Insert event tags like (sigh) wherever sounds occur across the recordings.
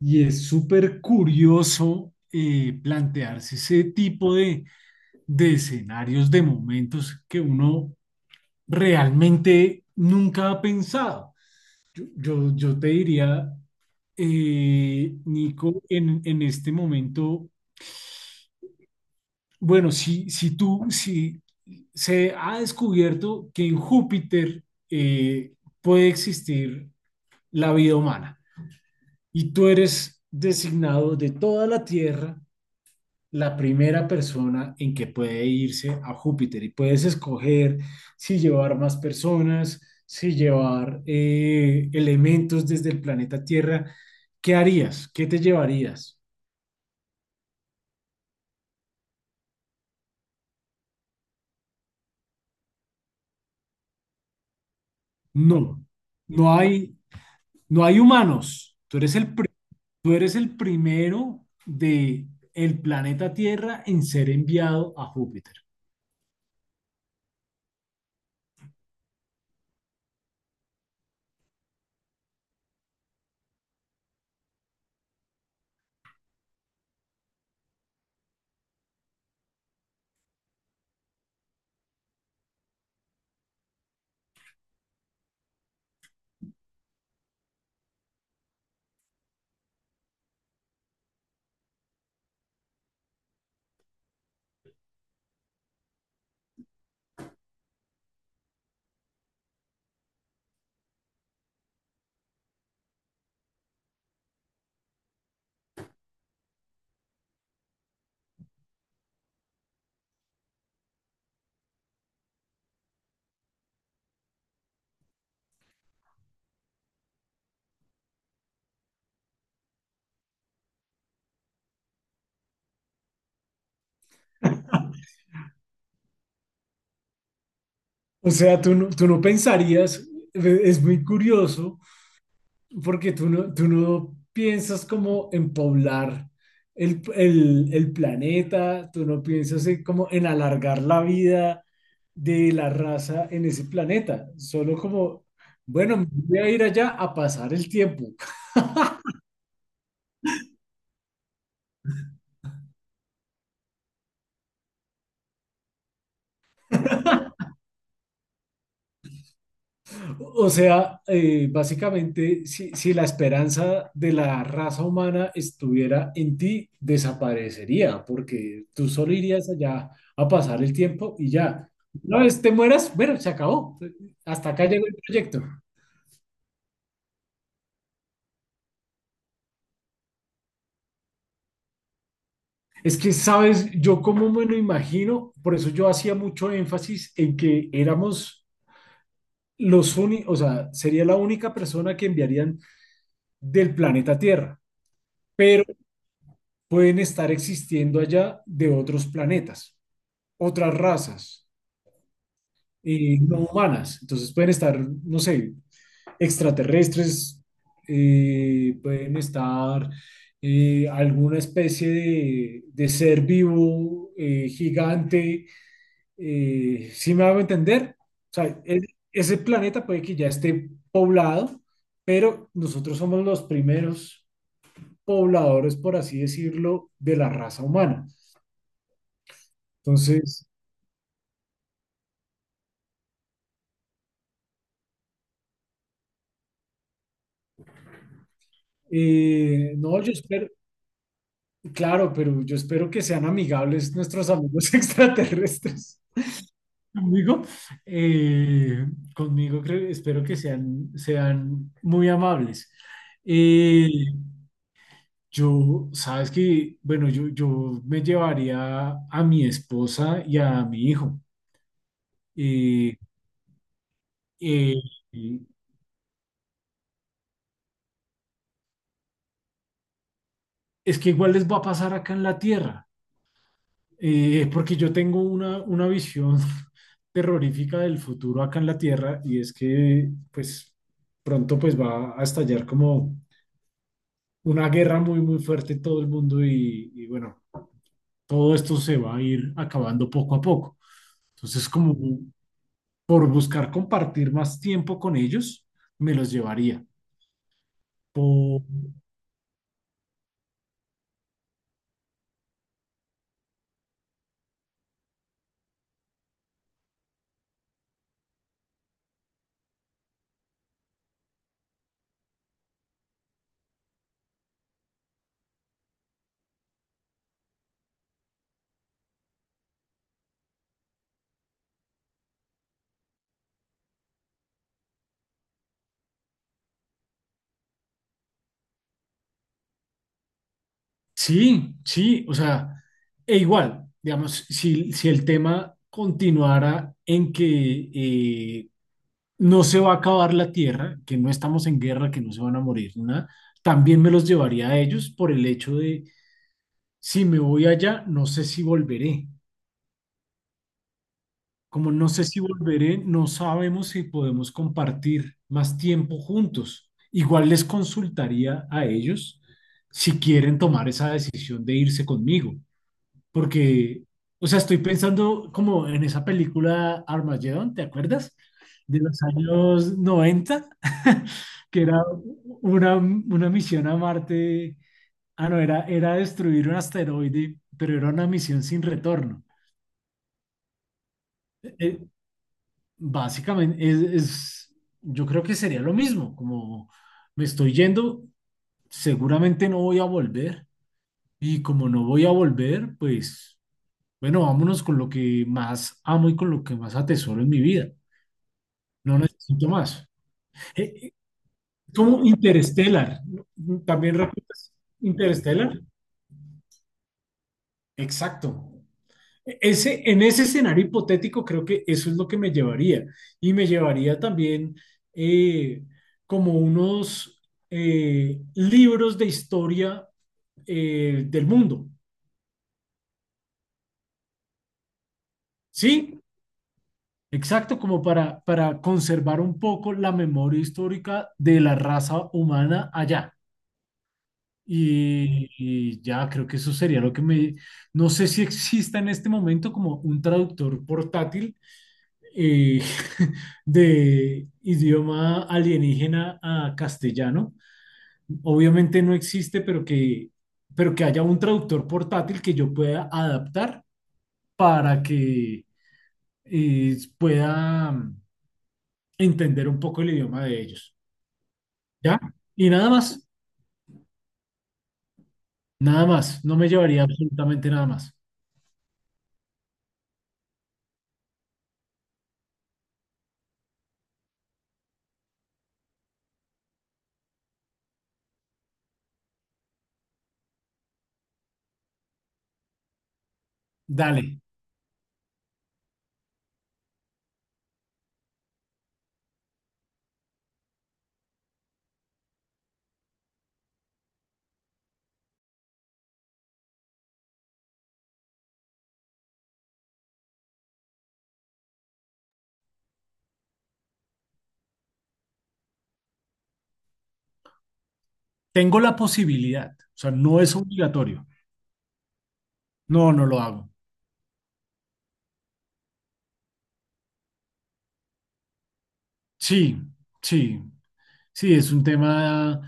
Y es súper curioso plantearse ese tipo de escenarios, de momentos que uno realmente nunca ha pensado. Yo te diría, Nico, en este momento, bueno, si tú, si se ha descubierto que en Júpiter eh, puede existir la vida humana y tú eres designado de toda la Tierra la primera persona en que puede irse a Júpiter y puedes escoger si llevar más personas, si llevar elementos desde el planeta Tierra. ¿Qué harías? ¿Qué te llevarías? No, no hay, no hay humanos. Tú eres el tú eres el primero de el planeta Tierra en ser enviado a Júpiter. O sea, tú no pensarías, es muy curioso. Porque tú no piensas como en poblar el planeta, tú no piensas en como en alargar la vida de la raza en ese planeta, solo como, bueno, voy a ir allá a pasar el tiempo. O sea, básicamente, si la esperanza de la raza humana estuviera en ti, desaparecería, porque tú solo irías allá a pasar el tiempo y ya. Una vez te mueras, bueno, se acabó. Hasta acá llegó el proyecto. Es que, sabes, yo como me lo imagino, por eso yo hacía mucho énfasis en que éramos los únicos, o sea, sería la única persona que enviarían del planeta Tierra. Pueden estar existiendo allá de otros planetas, otras razas no humanas. Entonces pueden estar, no sé, extraterrestres, pueden estar alguna especie de ser vivo gigante. ¿Sí me hago entender? O sea, e- Ese planeta puede que ya esté poblado, pero nosotros somos los primeros pobladores, por así decirlo, de la raza humana. Entonces, no, yo espero, claro, pero yo espero que sean amigables nuestros amigos (laughs) extraterrestres. Conmigo, eh, conmigo espero que sean muy amables. Eh, yo, sabes que, bueno, yo me llevaría a mi esposa y a mi hijo. Eh, eh, es que igual les va a pasar acá en la Tierra. Es porque yo tengo una visión (laughs) terrorífica del futuro acá en la Tierra y es que pues pronto pues va a estallar como una guerra muy muy fuerte en todo el mundo y bueno, todo esto se va a ir acabando poco a poco. Entonces como por buscar compartir más tiempo con ellos, me los llevaría. Po- sí, sí, o sea, e igual, digamos, si el tema continuara en que no se va a acabar la tierra, que no estamos en guerra, que no se van a morir, nada, también me los llevaría a ellos por el hecho de, si me voy allá, no sé si volveré. Como no sé si volveré, no sabemos si podemos compartir más tiempo juntos. Igual les consultaría a ellos si quieren tomar esa decisión de irse conmigo, porque, o sea, estoy pensando como en esa película Armageddon, ¿te acuerdas? De los años noventa. (laughs) Que era una misión a Marte. Ah, no, era destruir un asteroide, pero era una misión sin retorno. Eh, básicamente, yo creo que sería lo mismo, como me estoy yendo, seguramente no voy a volver, y como no voy a volver, pues bueno, vámonos con lo que más amo y con lo que más atesoro en mi vida. No necesito más. Eh, eh, como Interstellar. ¿No? ¿También repitas Interstellar? Exacto. Ese, en ese escenario hipotético creo que eso es lo que me llevaría. Y me llevaría también eh, como unos libros de historia del mundo. ¿Sí? Exacto, como para conservar un poco la memoria histórica de la raza humana allá. Y ya creo que eso sería lo que me... No sé si exista en este momento como un traductor portátil eh, (laughs) de idioma alienígena a castellano. Obviamente no existe, pero pero que haya un traductor portátil que yo pueda adaptar para que pueda entender un poco el idioma de ellos. ¿Ya? Y nada más, nada más, no me llevaría absolutamente nada más. Dale, tengo la posibilidad, o sea, no es obligatorio. No, no lo hago. Sí, sí, sí, es un tema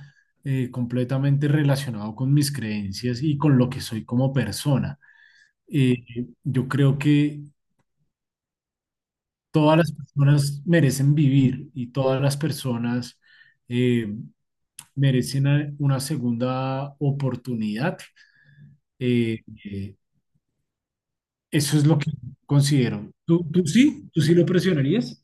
completamente relacionado con mis creencias y con lo que soy como persona. Eh, yo creo que todas las personas merecen vivir y todas las personas eh, merecen una segunda oportunidad. Eh, eh, eso es lo que considero. ¿Tú, tú sí? ¿Tú sí lo presionarías?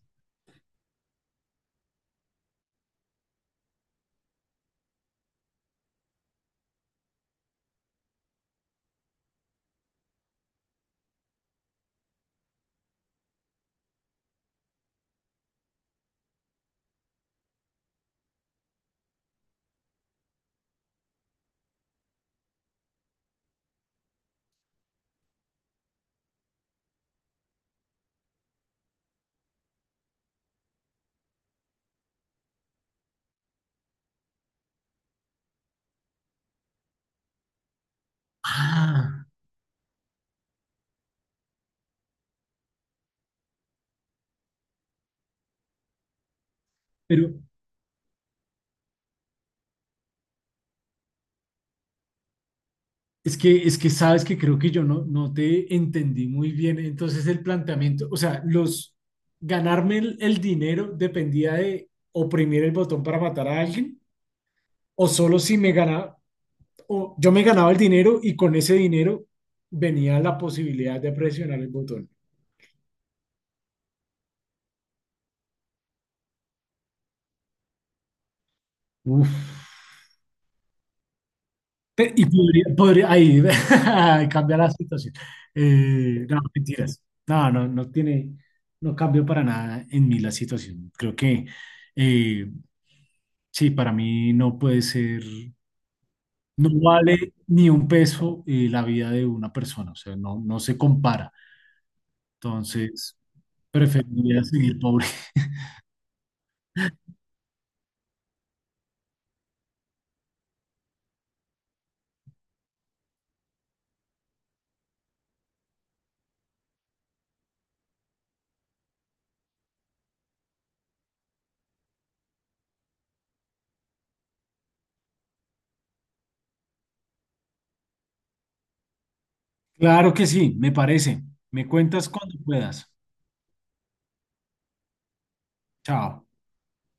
Ah, pero es que sabes que creo que yo no, no te entendí muy bien. Entonces el planteamiento, o sea, los ganarme el dinero dependía de oprimir el botón para matar a alguien, o solo si me ganaba, o yo me ganaba el dinero y con ese dinero venía la posibilidad de presionar el botón. Uf. Y ahí, (laughs) cambia la situación. No, mentiras. No, no cambió para nada en mí la situación. Creo que eh, sí, para mí no puede ser, no vale ni un peso la vida de una persona, o sea, no, no se compara. Entonces, preferiría seguir pobre. (laughs) Claro que sí, me parece. Me cuentas cuando puedas. Chao.